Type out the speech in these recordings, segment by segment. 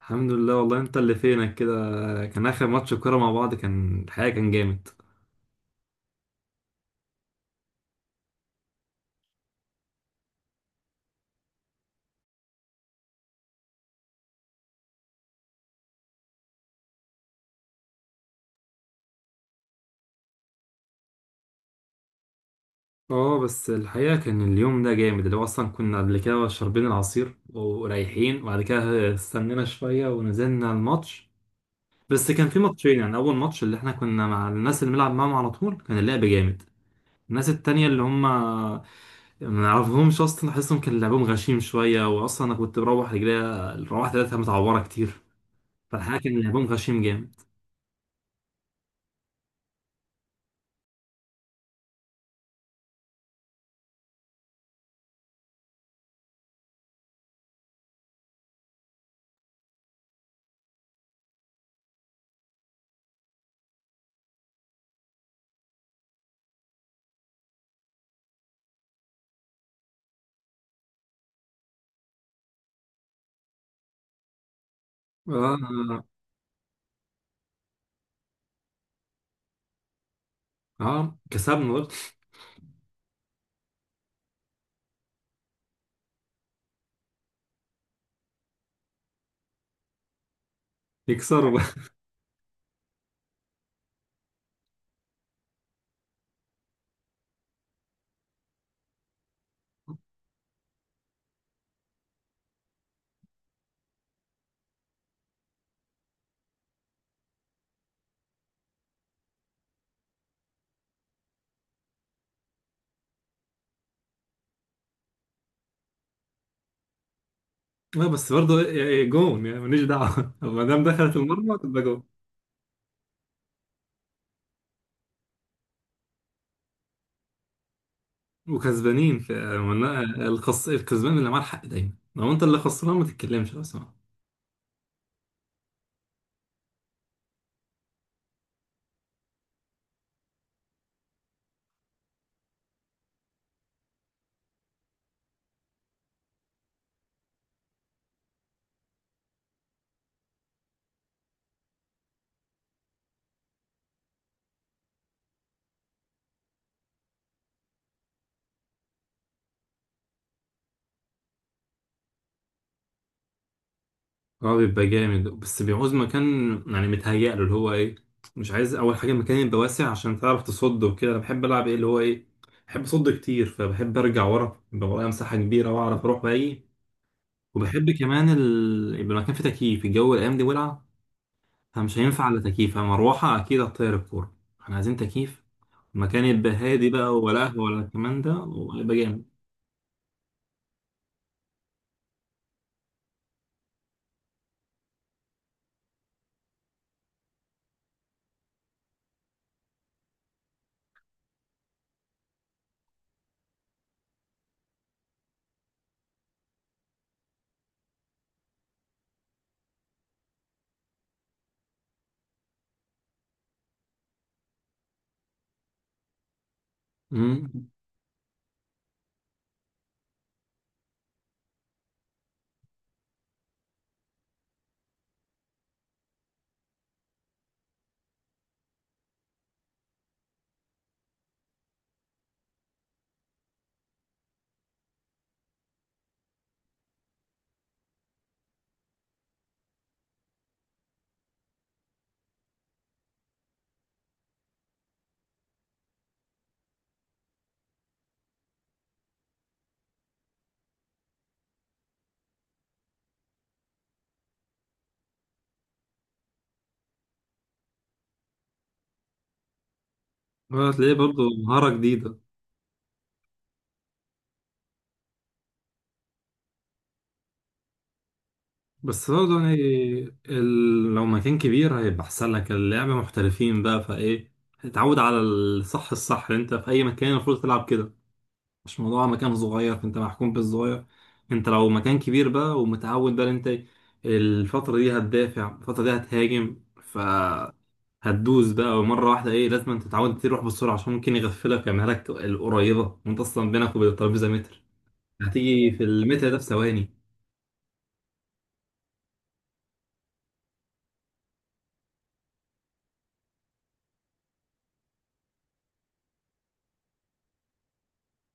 الحمد لله. والله انت اللي فينك كده، كان اخر ماتش كوره مع بعض. كان الحقيقه كان جامد. اه، بس الحقيقه كان اليوم ده جامد، اللي هو اصلا كنا قبل كده شاربين العصير ورايحين، وبعد كده استنينا شويه ونزلنا الماتش. بس كان في ماتشين، يعني اول ماتش اللي احنا كنا مع الناس اللي بنلعب معاهم على طول كان اللعب جامد. الناس التانية اللي هم ما نعرفهمش اصلا احسهم كان لعبهم غشيم شويه، واصلا انا كنت بروح رجليا، روحت ثلاثه متعوره كتير. فالحقيقه كان لعبهم غشيم جامد. آه، اه كسبنا برضه. يكسروا بقى. لا بس برضه إيه- إيه، جون يعني ماليش دعوه ما دام دخلت المرمى تبقى جون. وكسبانين من- الكسبان اللي معاه الحق دايما، لو انت اللي خسران ما تتكلمش اصلا. اه بيبقى جامد بس بيعوز مكان، يعني متهيأ له اللي هو ايه، مش عايز. اول حاجه المكان يبقى واسع عشان تعرف تصد وكده. انا بحب العب ايه اللي هو ايه، بحب اصد كتير فبحب ارجع ورا، يبقى ورايا مساحه كبيره واعرف اروح باقي. وبحب كمان يبقى المكان فيه تكييف، الجو الايام دي ولع، فمش هينفع الا تكييف. مروحه اكيد هتطير الكوره. احنا عايزين تكييف، مكان يبقى هادي بقى، ولا قهوه ولا الكلام ده، ويبقى جامد. امم هتلاقيه برضه مهاره جديده. بس برضه يعني لو مكان كبير هيبقى احسن لك، اللعبه محترفين بقى فايه. اتعود على الصح، انت في اي مكان المفروض تلعب كده، مش موضوع مكان صغير فانت محكوم بالصغير. انت لو مكان كبير بقى ومتعود بقى إن انت الفتره دي هتدافع، الفتره دي هتهاجم، ف هتدوس بقى مرة واحدة. ايه، لازم انت تتعود تروح بسرعة، عشان ممكن يغفلك ويعملها لك القريبة وانت اصلا بينك وبين الترابيزة متر، هتيجي في المتر ده في ثواني.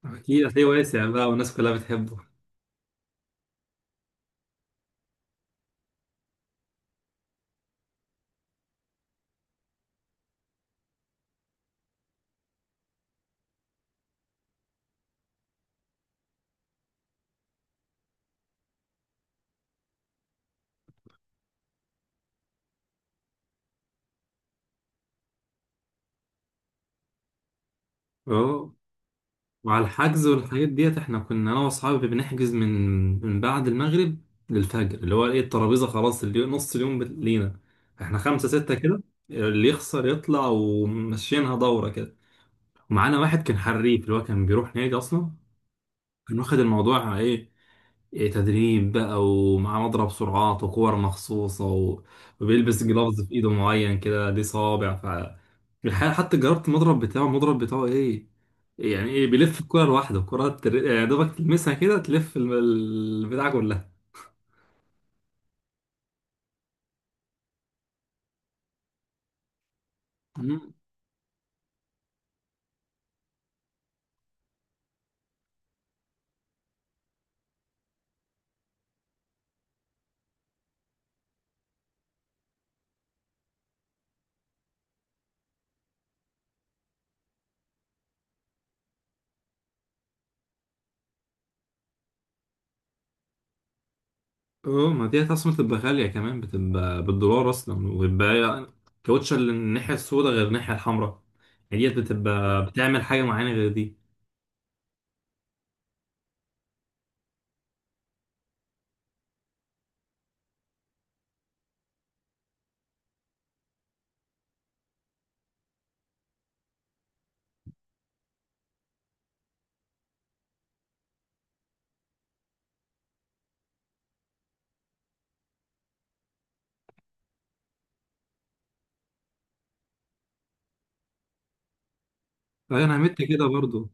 اكيد هتلاقيه واسع بقى، والناس كلها بتحبه. اه، وعلى الحجز والحاجات ديت احنا كنا انا واصحابي بنحجز من بعد المغرب للفجر، اللي هو ايه، الترابيزة خلاص اللي نص اليوم لينا. احنا خمسة ستة كده، اللي يخسر يطلع وماشيينها دورة كده. ومعانا واحد كان حريف، اللي هو كان بيروح نادي اصلا، كان واخد الموضوع ايه، إيه، تدريب بقى، ومعاه مضرب سرعات وكور مخصوصة وبيلبس جلافز في ايده معين كده ليه صابع. ف الحقيقة حتى جربت المضرب بتاعه. المضرب بتاعه ايه يعني، ايه، بيلف الكرة لوحده. الكرة يعني دوبك تلمسها كده تلف البتاع كلها. مم. اه، ما دي اصلا بتبقى غالية كمان، بتبقى بالدولار اصلا، وبيبقى يعني كاوتش الناحية السوداء غير الناحية الحمراء، يعني ديت بتبقى بتعمل حاجة معينة غير دي. فانا عملت كده برضو.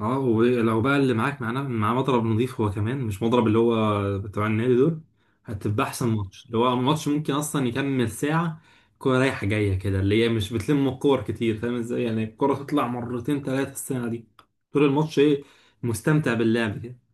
اه، ولو بقى اللي معاك معاه مضرب نظيف، هو كمان مش مضرب اللي هو بتاع النادي دول، هتبقى احسن ماتش، اللي هو ماتش ممكن اصلا يكمل ساعة. كورة رايحة جاية كده اللي هي مش بتلم الكور كتير، فاهم ازاي؟ يعني الكورة تطلع مرتين ثلاثة السنة دي، طول الماتش ايه، مستمتع باللعب كده.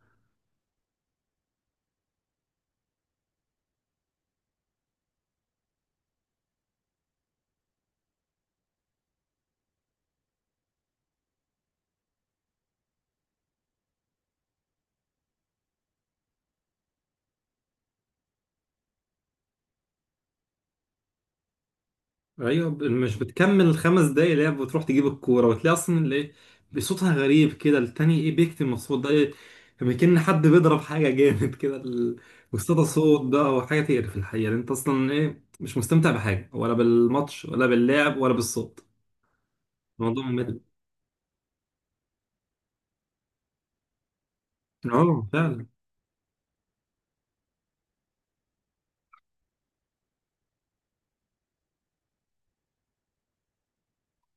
ايوه، مش بتكمل الخمس دقايق لعب، وتروح تجيب الكوره وتلاقي اصلا اللي إيه، بصوتها غريب كده. التاني ايه، بيكتم الصوت، ده ايه، كما كأن حد بيضرب حاجه جامد كده. واستدى صوت ده، هو حاجه تقرف الحقيقه، لأن انت اصلا ايه، مش مستمتع بحاجه ولا بالماتش ولا باللعب ولا بالصوت. الموضوع ممل. اه فعلا.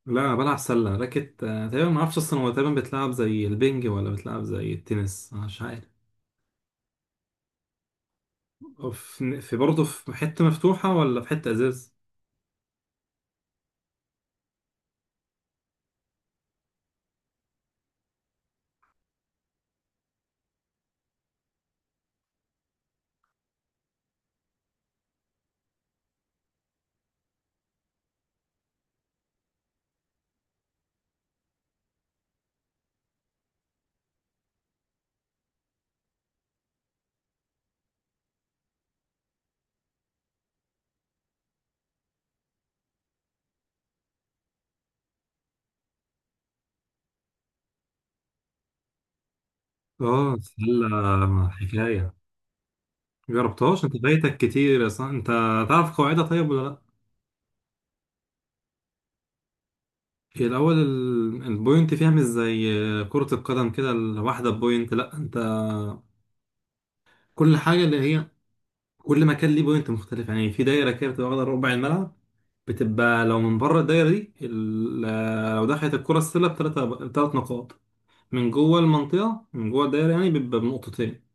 لا، انا بلعب سله راكت. آه، تقريبا ما اعرفش اصلا، هو تقريبا بتلعب زي البنج ولا بتلعب زي التنس؟ أنا مش عارف. أو في برضه، في حته مفتوحه ولا في حته ازاز؟ اه، السلة حكاية. مجربتهاش؟ انت فايتك كتير اصلا. انت تعرف قواعدها طيب ولا لا؟ هي الاول البوينت فيها مش زي كرة القدم كده، الواحدة بوينت، لا انت كل حاجة اللي هي كل مكان ليه بوينت مختلف. يعني في دايرة كده بتبقى واخدة ربع الملعب، بتبقى لو من بره الدايرة دي لو دخلت الكرة السلة بتلاتة، بتلات نقاط. من جوه المنطقة، من جوه الدايرة يعني، بيبقى بنقطتين.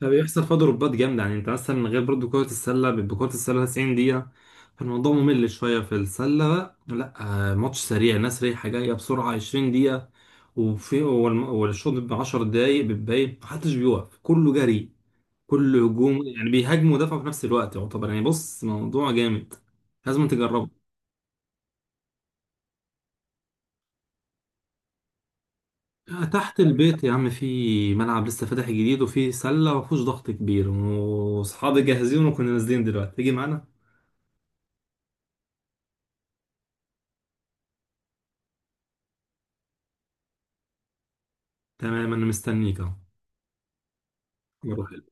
فبيحصل فيه ضربات جامدة. يعني انت مثلا من غير برضو كرة السلة، بيبقى كرة السلة 90 دقيقة، فالموضوع ممل شوية. في السلة بقى لا، آه، ماتش سريع، ناس رايحة جاية بسرعة، 20 دقيقة، وفي والشوط بيبقى 10 دقايق، بتبقى محدش بيوقف، كله جري، كله هجوم، يعني بيهاجموا ودافعوا في نفس الوقت يعتبر. يعني بص موضوع جامد، لازم تجربه. آه، تحت البيت يا عم في ملعب لسه فاتح جديد، وفي سلة مفيهوش ضغط كبير، واصحابي جاهزين، وكنا نازلين دلوقتي، تيجي معانا؟ تمام، انا مستنيك اهو. مرة حلوة.